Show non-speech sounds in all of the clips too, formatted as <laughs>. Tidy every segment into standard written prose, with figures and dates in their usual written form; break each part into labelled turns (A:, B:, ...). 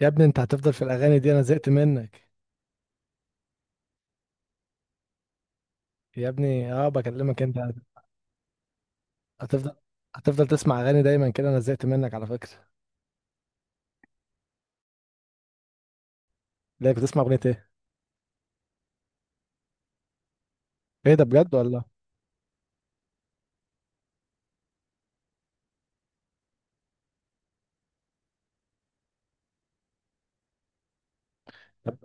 A: يا ابني، انت هتفضل في الاغاني دي؟ انا زهقت منك. يا ابني، اه، بكلمك انت. هتفضل هتفضل تسمع اغاني دايما كده؟ انا زهقت منك على فكره. ليه؟ بتسمع اغنيه ايه؟ ايه ده؟ بجد والله. طب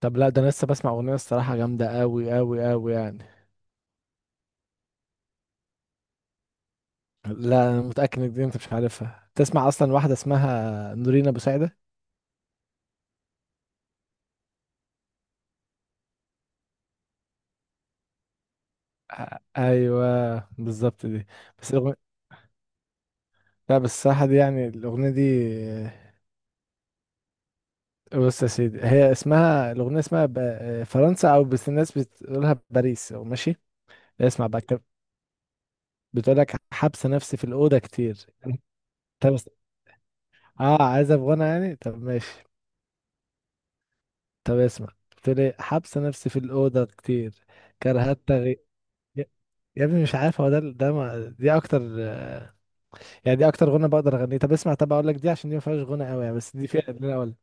A: طب لا، ده انا لسه بسمع اغنيه، الصراحه جامده قوي قوي قوي يعني. لا، انا متاكد ان دي انت مش عارفها تسمع اصلا، واحده اسمها نورين ابو سعده. آه، ايوه بالظبط دي. بس الاغنيه، لا بس الصراحه دي، يعني الاغنيه دي، بص يا سيدي، هي اسمها الاغنيه، اسمها فرنسا، او بس الناس بتقولها باريس، ماشي. اسمع بقى الكلام. بتقول لك حبس نفسي في الأوضة كتير. طب اس- اه، عايز أبغانا يعني، طب ماشي. طب اسمع، بتقول ايه، حبس نفسي في الأوضة كتير، كرهت تغي... يا يا ابني مش عارف، هو ده ده ما... دي أكتر، يعني دي أكتر غنى بقدر أغنيه. طب اسمع، طب أقول لك، دي عشان دي ما فيهاش غنى قوي يعني، بس دي فيها اللي أنا أقول.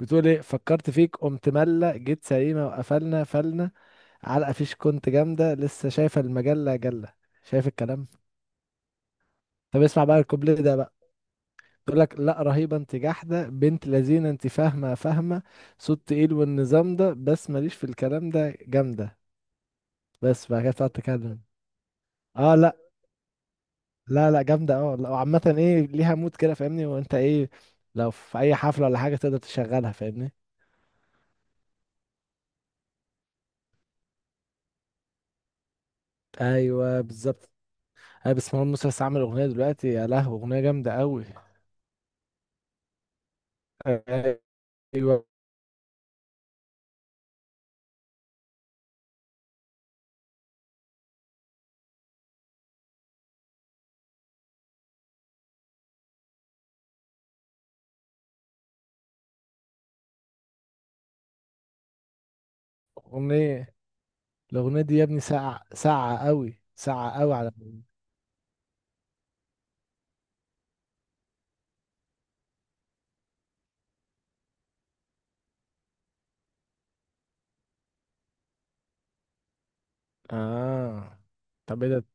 A: بتقول ايه، فكرت فيك قمت ملة جيت سليمة وقفلنا فلنا، علقة فيش كنت جامدة لسه شايفة المجلة جلة. شايف الكلام؟ طب اسمع بقى الكوبليه ده بقى. تقول لك، لا رهيبه انت، جحده بنت لذينه، انت فاهمه فاهمه، صوت تقيل والنظام ده، بس ماليش في الكلام ده، جامده. بس بعد كده تقعد تتكلم. اه، لا، لا، لا جامده، اه، لا، وعامه ايه، ليها مود كده فاهمني، وانت ايه، لو في اي حفله ولا حاجه تقدر تشغلها، فاهمني. ايوه بالظبط. ايوه، بس مروان موسى لسه عامل اغنيه دلوقتي، يا لهوي، اغنيه جامده قوي. ايوه. اغنيه الاغنيه دي يا ابني ساعه ساعه قوي ساعه قوي على. اه. طب ايه ده؟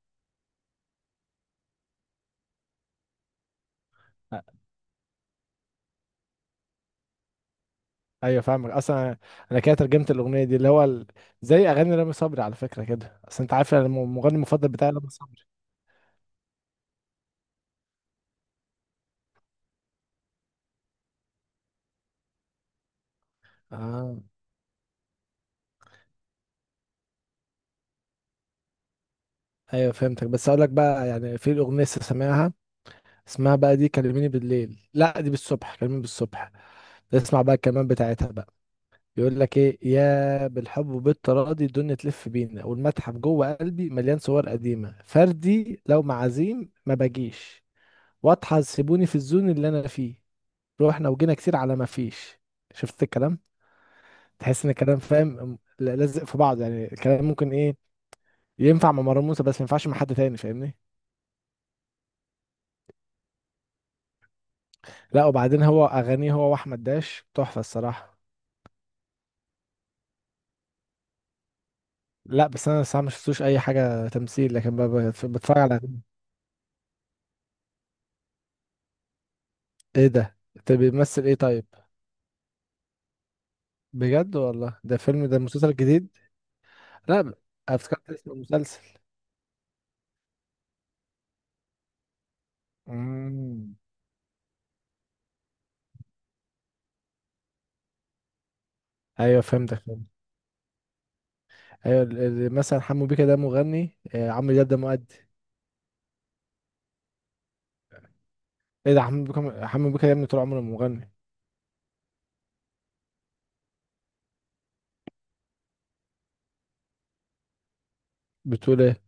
A: ايوه فاهمك اصلا، انا كده ترجمت الاغنيه دي، زي اغاني رامي صبري على فكره، كده اصل انت عارف أنا المغني المفضل بتاعي رامي صبري. اه. ايوه فهمتك، بس اقول لك بقى، يعني في الاغنيه لسه سامعها، اسمها بقى دي كلميني بالليل، لا دي بالصبح، كلميني بالصبح. اسمع بقى الكلمات بتاعتها بقى. بيقول لك ايه، يا بالحب وبالتراضي الدنيا تلف بينا، والمتحف جوه قلبي مليان صور قديمه، فردي لو معازيم ما باجيش، واضحى سيبوني في الزون اللي انا فيه، روحنا وجينا كتير على ما فيش. شفت الكلام؟ تحس ان الكلام فاهم، لازق في بعض، يعني الكلام ممكن ايه، ينفع مع مروان موسى بس ما ينفعش مع حد تاني، فاهمني. لا، وبعدين هو اغانيه، هو واحمد داش تحفه الصراحه. لا، بس انا الصراحه ما شفتوش اي حاجه تمثيل، لكن بتفرج على. ايه ده؟ انت بيمثل ايه طيب؟ بجد والله؟ ده فيلم، ده مسلسل جديد؟ لا ب- افتكرت اسم المسلسل. امم. ايوه فهمتك فهمت. ايوه، مثلا حمو بيكا ده مغني، عمرو دياب ده مؤدي. ايه ده، حمو بيكا، حمو بيكا يا ابني طول عمره مغني. بتقول ايه؟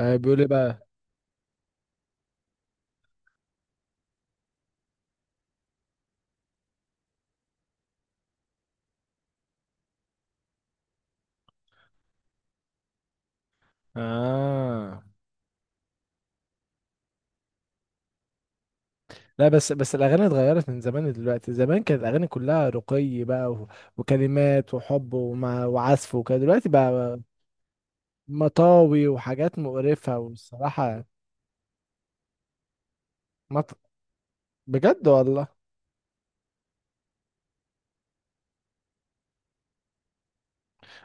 A: بيقول ايه بقى؟ اه، لا، بس الاغاني اتغيرت من زمان. دلوقتي، زمان كانت الاغاني كلها رقي بقى، و... وعزف وكده. دلوقتي بقى مطاوي وحاجات مقرفة والصراحة مط... بجد والله.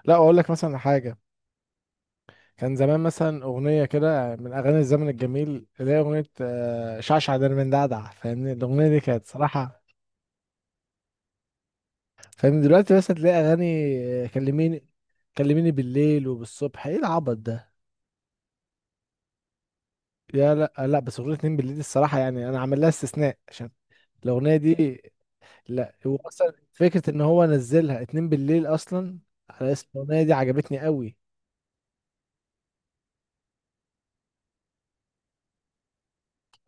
A: لا، اقول لك مثلا حاجة، كان زمان مثلا اغنية كده من اغاني الزمن الجميل اللي هي اغنية شعشع درمندعدع، فاهمني، الاغنية دي كانت صراحة فاهم. دلوقتي بس هتلاقي اغاني كلميني، كلميني بالليل وبالصبح، ايه العبط ده؟ لا، لا، بس اغنيه اتنين بالليل دي الصراحه يعني انا عامل لها استثناء عشان الاغنيه دي. لا، هو اصلا فكره ان هو نزلها اتنين بالليل اصلا على اسم الاغنيه دي، عجبتني قوي.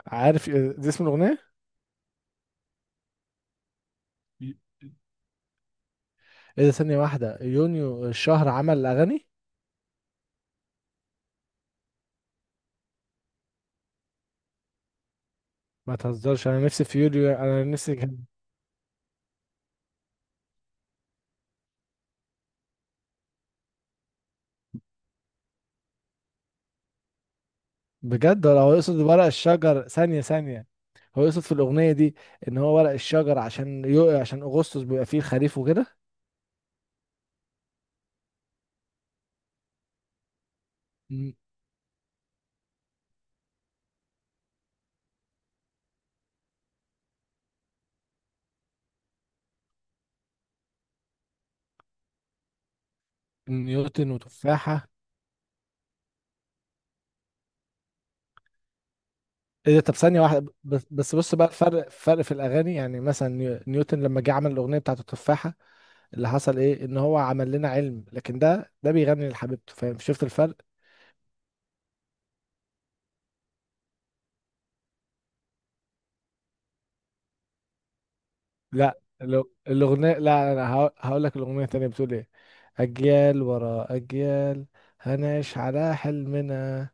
A: عارف إيه ده اسم الاغنيه؟ ايه ده، ثانيه واحده، يونيو الشهر عمل اغاني؟ ما تهزرش، انا نفسي في يوليو، انا نفسي. بجد ولا هو يقصد ورق الشجر؟ ثانية ثانية، هو يقصد في الأغنية دي إن هو ورق الشجر عشان يقع عشان أغسطس بيبقى فيه الخريف وكده. ن- نيوتن وتفاحة. إيه ده؟ طب ثانية واحدة، بس بص بقى، الفرق فرق في الأغاني، يعني مثلا نيوتن لما جه عمل الأغنية بتاعت التفاحة، اللي حصل إيه، إن هو عمل لنا علم، لكن ده بيغني لحبيبته، فاهم؟ شفت الفرق؟ لا، الأغنية، لا أنا هقول لك الأغنية التانية بتقول إيه، أجيال ورا أجيال، هنعيش على حلمنا،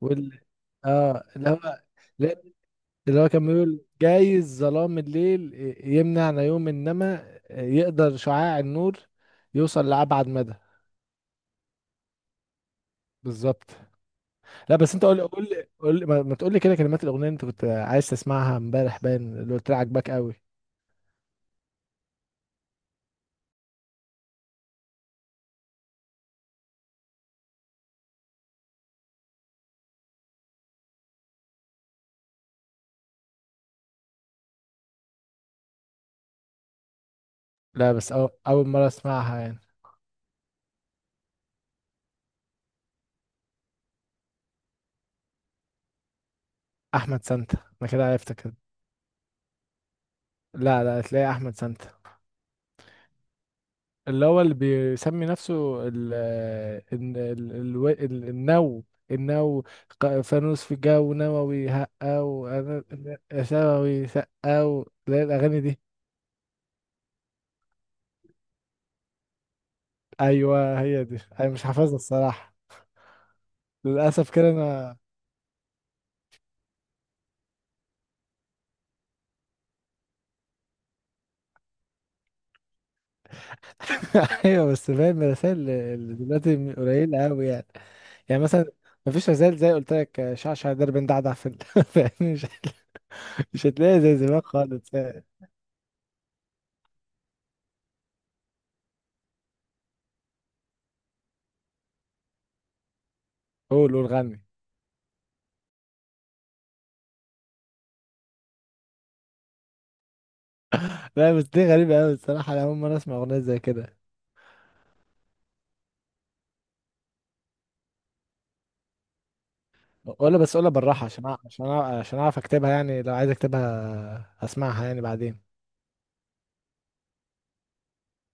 A: وال اه اللي هو لا- اللي هو كان بيقول جايز ظلام الليل يمنع نيوم، انما يقدر شعاع النور يوصل لأبعد مدى. بالظبط. لا بس انت قول لي قول لي قول لي، ما تقول لي كده كلمات الاغنيه اللي انت كنت عايز تسمعها امبارح، باين اللي قلت لي عاجباك قوي. لا، بس اول مره اسمعها يعني. احمد سانتا، انا كده عرفتك كده. لا، لا، تلاقي احمد سانتا. اللي بيسمي نفسه ال ال ال ال ال النو النو ق- فانوس في الجو نووي هقة، وأنا ثووي سقة اللي هي الأغاني دي. أيوه، هي دي، أنا مش حافظها الصراحة، للأسف كده أنا. <laughs> أيوه، بس فاهم الرسائل اللي دلوقتي قليلة أوي يعني. يعني مثلا، مفيش رسائل زي قلت لك شعشع درب دعدع في <laughs> فاهم، مش مش هتلاقي زي زمان خالص. قول، قول، غني. لا بس دي غريبة أوي الصراحة، أنا أول مرة أسمع أغنية زي كده. قولها، بس قولها بالراحة عشان عشان أعرف أكتبها يعني، لو عايز أكتبها أسمعها يعني بعدين.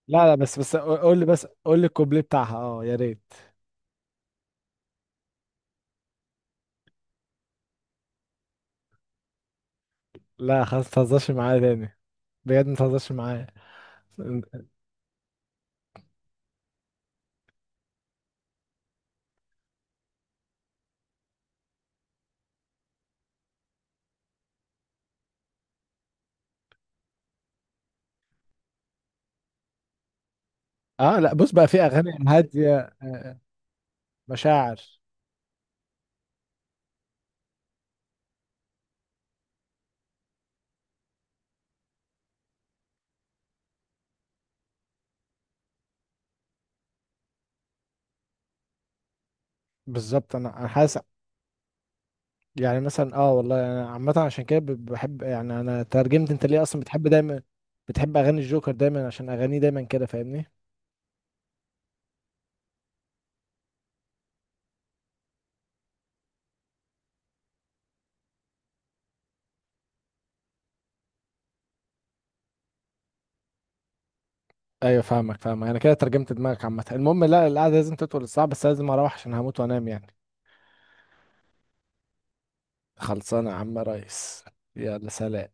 A: لا، لا، بس قول لي، بس قول لي الكوبليه بتاعها، أه يا ريت. لا خلاص متهزرش معايا تاني، بجد متهزرش معايا. أه، لا، بص بقى في أغاني هادية، مشاعر. بالظبط، أنا حاسس، يعني مثلا، والله أنا عامة عشان كده بحب يعني، أنا ترجمت، أنت ليه أصلا بتحب دايما، بتحب أغاني الجوكر دايما عشان أغانيه دايما كده، فاهمني. ايوه فاهمك فاهمك، انا كده ترجمت دماغك عامه. المهم، لا، القعده لازم تطول الساعه، بس لازم اروح عشان هموت وانام يعني. خلصانه يا عم ريس. يلا سلام.